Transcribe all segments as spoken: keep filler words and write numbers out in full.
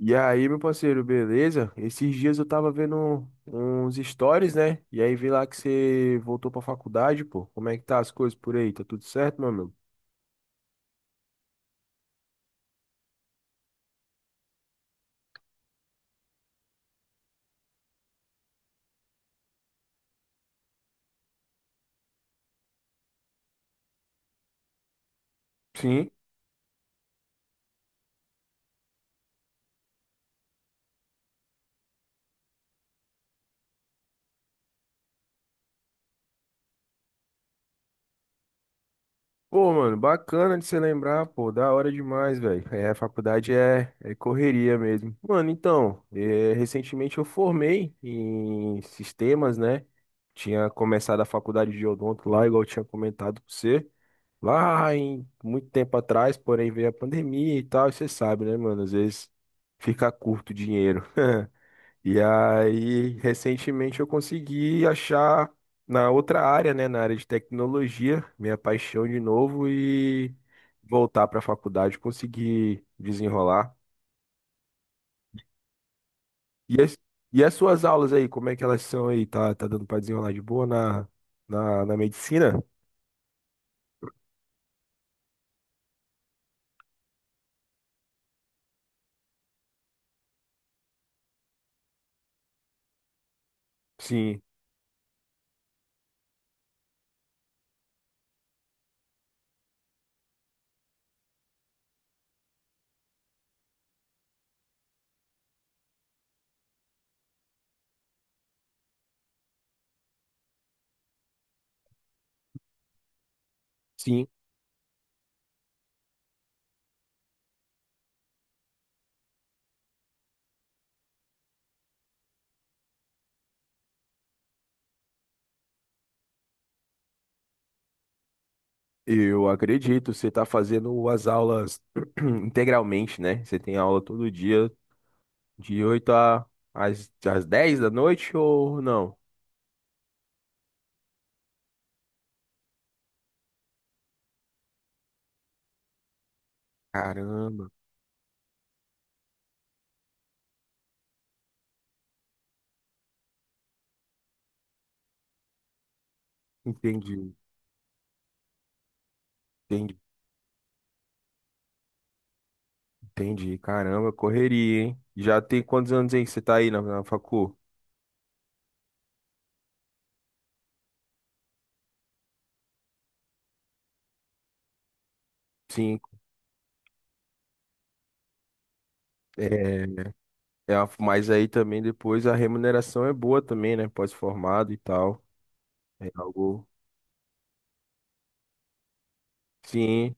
E aí, meu parceiro, beleza? Esses dias eu tava vendo uns stories, né? E aí vi lá que você voltou pra faculdade, pô. Como é que tá as coisas por aí? Tá tudo certo, meu amigo? Sim. Pô, mano, bacana de você lembrar, pô. Da hora demais, velho. É, a faculdade é, é correria mesmo. Mano, então, é, recentemente eu formei em sistemas, né? Tinha começado a faculdade de odonto lá, igual eu tinha comentado com você. lá em muito tempo atrás, porém veio a pandemia e tal, e você sabe, né, mano? Às vezes fica curto o dinheiro. E aí, recentemente eu consegui achar na outra área, né, na área de tecnologia, minha paixão de novo e voltar para a faculdade, conseguir desenrolar. E as, e as suas aulas aí, como é que elas são aí? Tá, tá dando para desenrolar de boa na, na, na medicina? Sim, sim. Eu acredito, você está fazendo as aulas integralmente, né? Você tem aula todo dia, de oito a, às, às dez da noite ou não? Caramba, entendi, entendi, entendi. Caramba, correria, hein? Já tem quantos anos aí que você tá aí na, na facu? Cinco. É, é, a- mas aí também depois a remuneração é boa também, né? Pós-formado e tal. É algo. Sim,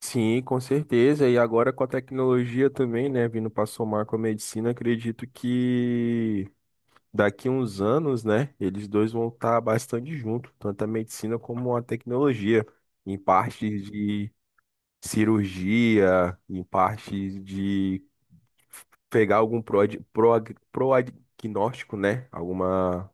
sim, com certeza. E agora com a tecnologia também, né, vindo para somar com a medicina, acredito que daqui uns anos, né, eles dois vão estar bastante juntos, tanto a medicina como a tecnologia, em partes de cirurgia, em partes de pegar algum prog, prog, proagnóstico, né, alguma.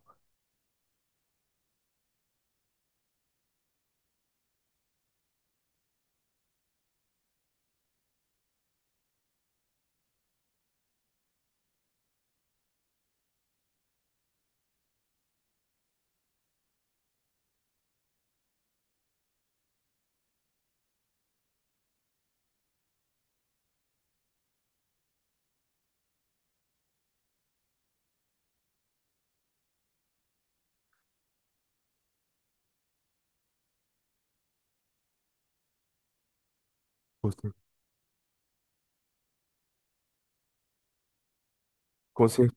com cer-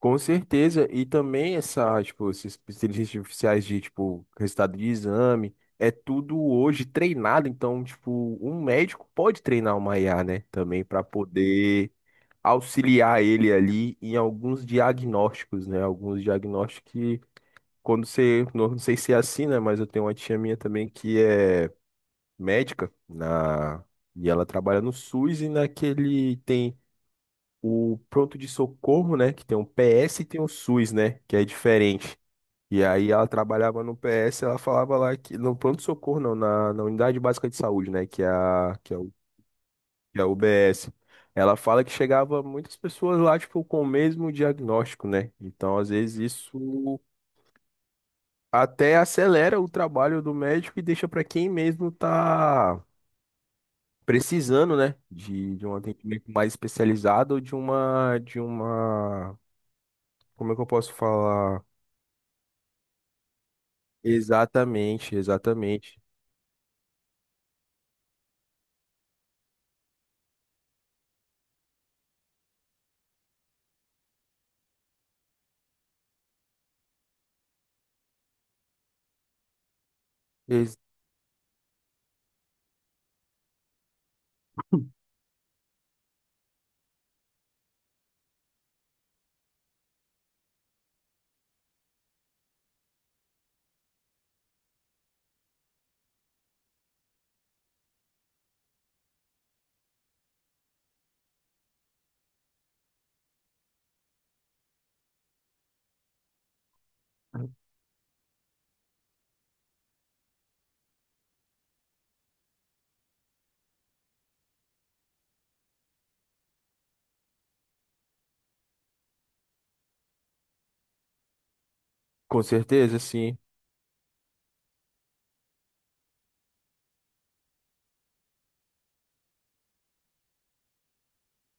Com certeza, e também essa, tipo, essas inteligências artificiais de, tipo, resultado de exame, é tudo hoje treinado, então, tipo, um médico pode treinar uma I A, né, também para poder auxiliar ele ali em alguns diagnósticos, né, alguns diagnósticos que, quando você, não sei se é assim, né, mas eu tenho uma tia minha também que é médica na... E ela trabalha no SUS e naquele tem o pronto de socorro, né? Que tem um P S e tem o SUS, né? Que é diferente. E aí ela trabalhava no P S, ela falava lá que. No pronto de socorro, não, na, na unidade básica de saúde, né? Que é a, que é o, que é a U B S. Ela fala que chegava muitas pessoas lá, tipo, com o mesmo diagnóstico, né? Então, às vezes, isso até acelera o trabalho do médico e deixa para quem mesmo tá precisando, né? De, de um atendimento mais especializado ou de uma, de uma como é que eu posso falar? Exatamente, exatamente. Ex- Com certeza, sim.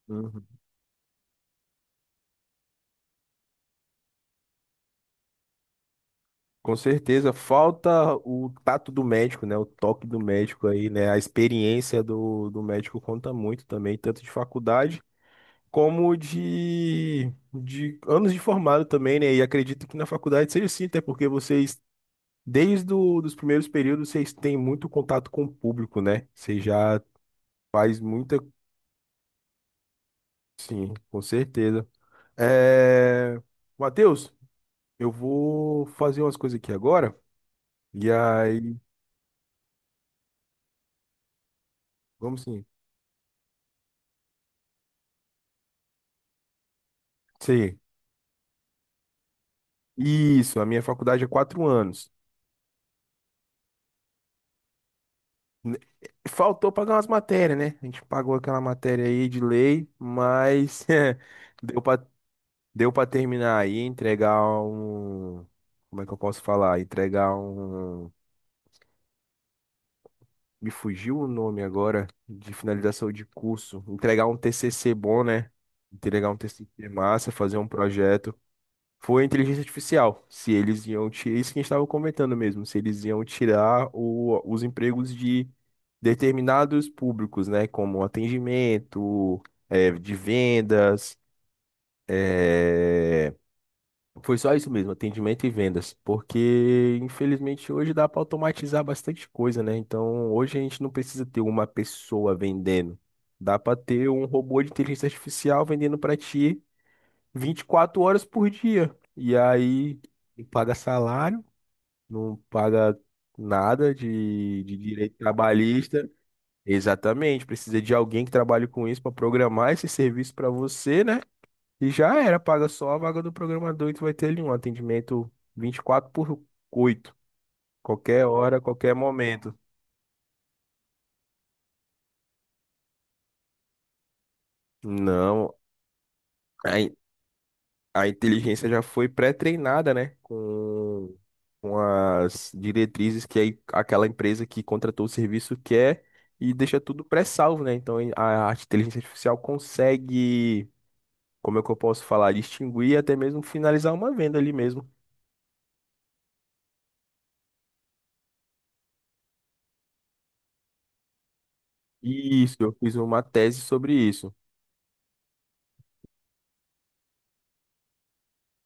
Uhum. Com certeza. Falta o tato do médico, né? O toque do médico aí, né? A experiência do, do médico conta muito também, tanto de faculdade como de, de anos de formado também, né? E acredito que na faculdade seja assim, até porque vocês, desde do, dos primeiros períodos, vocês têm muito contato com o público, né? Você já faz muita. Sim, com certeza. É... Matheus. Eu vou fazer umas coisas aqui agora. E aí, vamos sim. Sim. Isso, a minha faculdade é quatro anos. N- eh, Faltou pagar umas matérias, né? A gente pagou aquela matéria aí de lei, mas eh, deu pra, deu para terminar aí, entregar um. Como é que eu posso falar? Entregar um. Me fugiu o nome agora de finalização de curso. Entregar um T C C bom, né? Entregar um T C C massa, fazer um projeto. Foi a inteligência artificial. Se eles iam tirar. Isso que a gente estava comentando mesmo. Se eles iam tirar o- os empregos de determinados públicos, né? Como atendimento, eh, de vendas. eh, Foi só isso mesmo, atendimento e vendas. Porque, infelizmente, hoje dá para automatizar bastante coisa, né? Então, hoje a gente não precisa ter uma pessoa vendendo. Dá para ter um robô de inteligência artificial vendendo para ti vinte e quatro horas por dia. E aí não paga salário, não paga nada de, de direito trabalhista. Exatamente, precisa de alguém que trabalhe com isso para programar esse serviço para você, né? E já era, paga só a vaga do programador e tu vai ter ali um atendimento vinte e quatro por oito qualquer hora, qualquer momento. Não, a inteligência já foi pré-treinada, né? Com, com as diretrizes que aí aquela empresa que contratou o serviço quer e deixa tudo pré-salvo, né? Então a, a inteligência artificial consegue, como é que eu posso falar, distinguir e até mesmo finalizar uma venda ali mesmo. Isso, eu fiz uma tese sobre isso.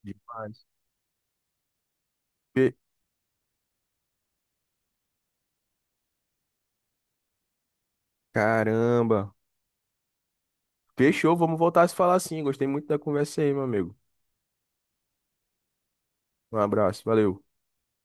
Demais. Fe- Caramba. Fechou, vamos voltar a se falar assim. Gostei muito da conversa aí, meu amigo. Um abraço, valeu.